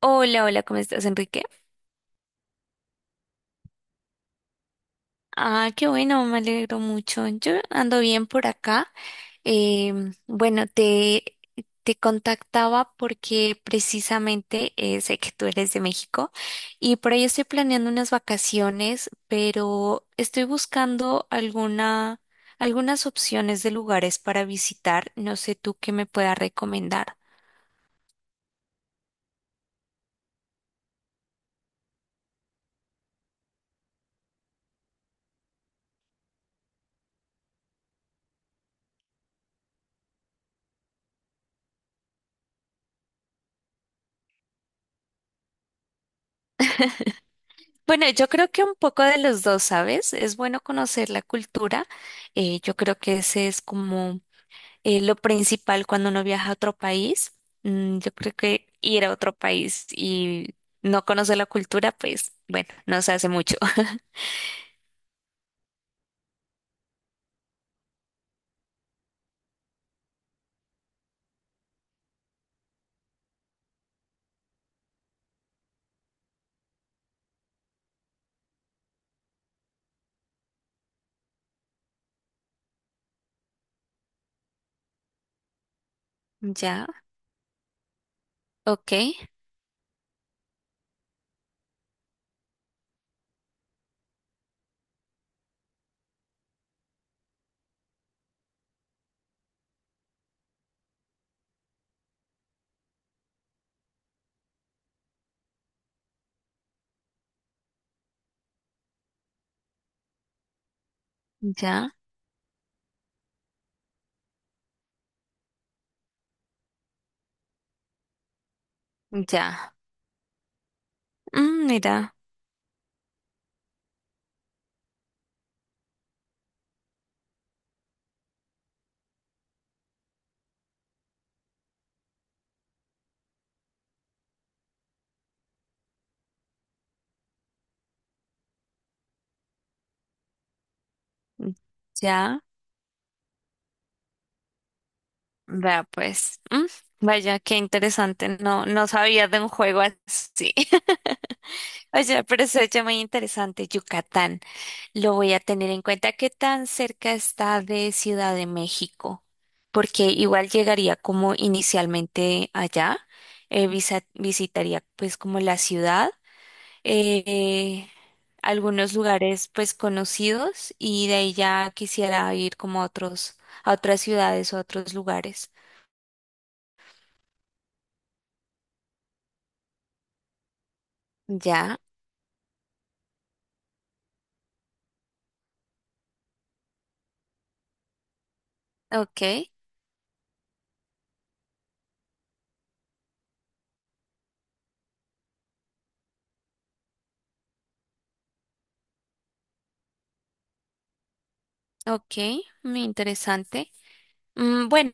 Hola, hola, ¿cómo estás, Enrique? Ah, qué bueno, me alegro mucho. Yo ando bien por acá. Em, bueno, te, te contactaba porque precisamente sé que tú eres de México y por ahí estoy planeando unas vacaciones, pero estoy buscando algunas opciones de lugares para visitar. No sé tú qué me puedas recomendar. Bueno, yo creo que un poco de los dos, ¿sabes? Es bueno conocer la cultura. Yo creo que ese es como lo principal cuando uno viaja a otro país. Mm, yo creo que ir a otro país y no conocer la cultura, pues bueno, no se hace mucho. Ya, ok, ya, ya. Mm, mira, ya, vea pues. Mm, vaya, qué interesante. No, no sabía de un juego así. Oye, pero se oye muy interesante, Yucatán. Lo voy a tener en cuenta qué tan cerca está de Ciudad de México, porque igual llegaría como inicialmente allá, visitaría pues como la ciudad, eh, algunos lugares pues conocidos y de ahí ya quisiera ir como a otros, a otras ciudades o a otros lugares. Ya, ok, ok, muy interesante. Mm, bueno,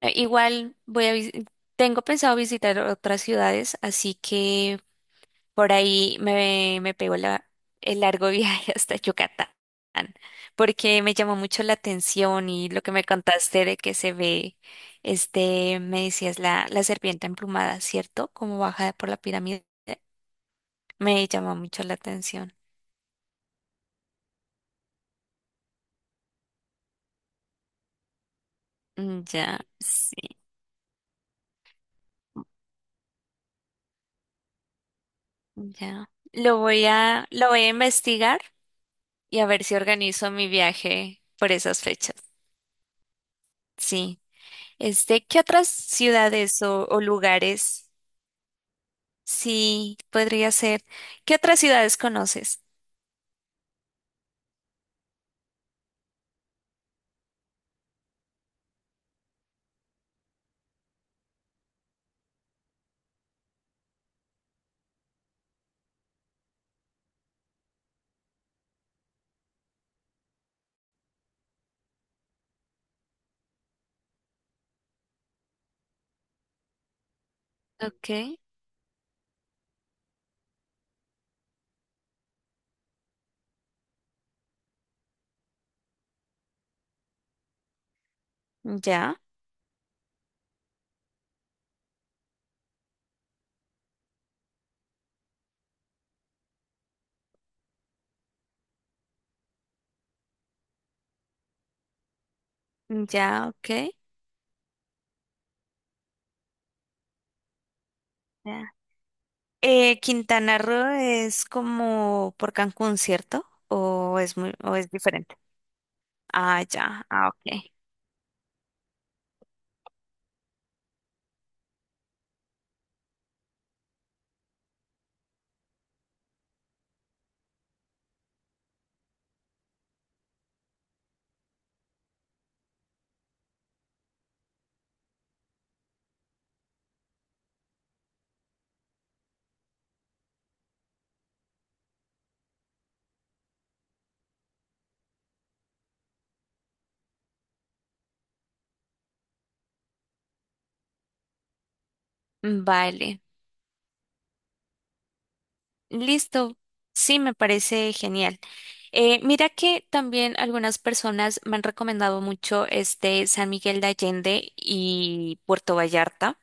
igual tengo pensado visitar otras ciudades, así que me pegó el largo viaje hasta Yucatán, porque me llamó mucho la atención y lo que me contaste de que se ve, este, me decías la serpiente emplumada, ¿cierto? Como baja por la pirámide. Me llamó mucho la atención. Mm, ya, sí, ya. Lo voy a investigar y a ver si organizo mi viaje por esas fechas. Sí. Este, ¿qué otras ciudades o lugares? Sí, podría ser. ¿Qué otras ciudades conoces? Ok, ya, ya, ok. Ya. Quintana Roo es como por Cancún, ¿cierto? ¿O es muy, o es diferente? Ah, ya, ah, ok. Vale, listo. Sí, me parece genial. Mira que también algunas personas me han recomendado mucho este San Miguel de Allende y Puerto Vallarta.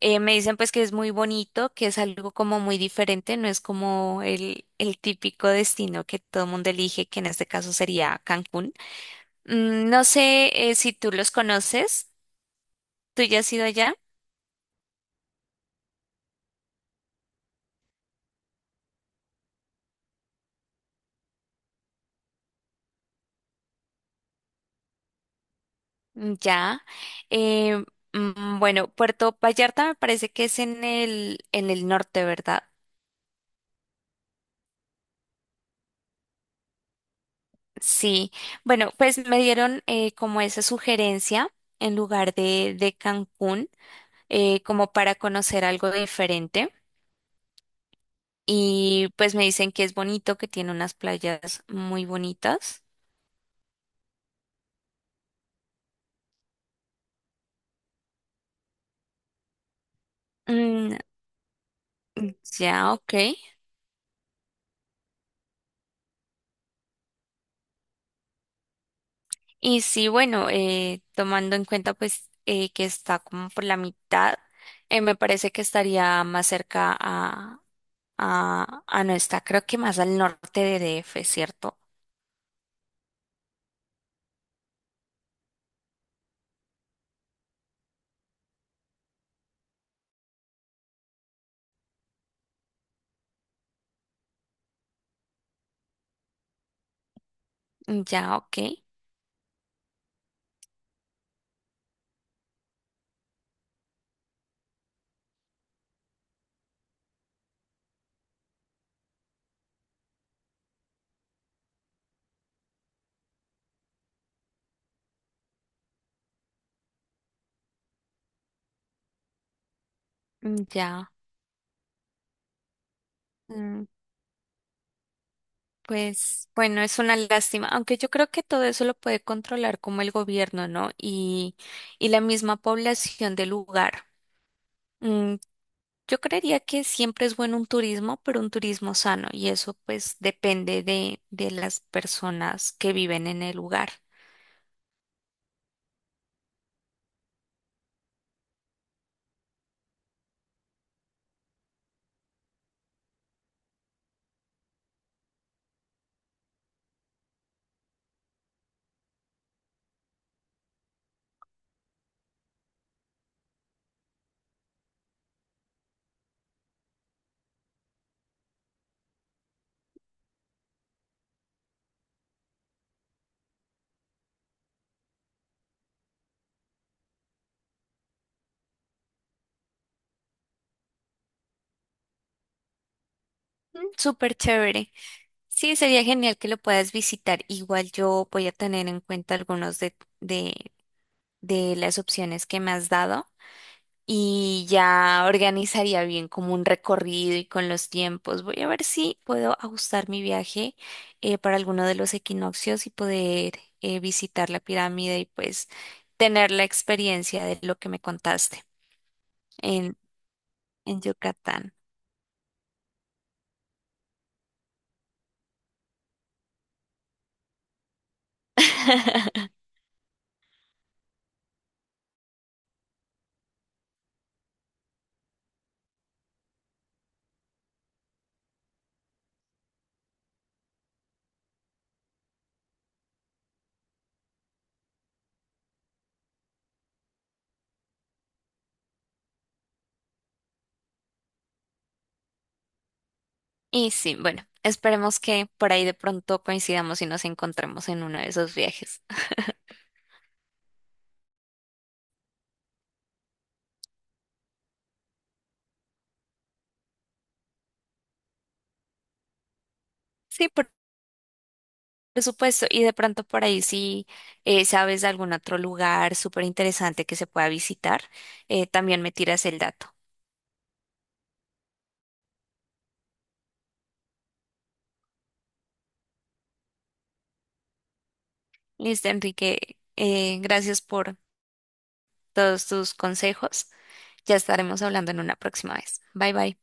Me dicen pues que es muy bonito, que es algo como muy diferente, no es como el típico destino que todo el mundo elige, que en este caso sería Cancún. Mm, no sé si tú los conoces, tú ya has ido allá, mm, ya. Eh, bueno, Puerto Vallarta me parece que es en en el norte, ¿verdad? Sí. Bueno, pues me dieron como esa sugerencia en lugar de Cancún, como para conocer algo diferente. Y pues me dicen que es bonito, que tiene unas playas muy bonitas. Mm, ya, ok. Y sí, bueno, tomando en cuenta pues que está como por la mitad, me parece que estaría más cerca a no está, creo que más al norte de DF, ¿cierto? Ya, ok. Ya. Pues bueno, es una lástima, aunque yo creo que todo eso lo puede controlar como el gobierno, ¿no? Y la misma población del lugar. Mm, yo creería que siempre es bueno un turismo, pero un turismo sano, y eso pues depende de las personas que viven en el lugar. Mm, súper chévere. Sí, sería genial que lo puedas visitar. Igual yo voy a tener en cuenta algunos de, de las opciones que me has dado. Y ya organizaría bien como un recorrido y con los tiempos. Voy a ver si puedo ajustar mi viaje para alguno de los equinoccios y poder visitar la pirámide y pues tener la experiencia de lo que me contaste en, en Yucatán. Y sí, bueno, esperemos que por ahí de pronto coincidamos y nos encontremos en uno de esos viajes. Sí, por Por supuesto, y de pronto por ahí si sabes de algún otro lugar súper interesante que se pueda visitar, también me tiras el dato. Listo, Enrique, gracias por todos tus consejos. Ya estaremos hablando en una próxima vez. Bye bye.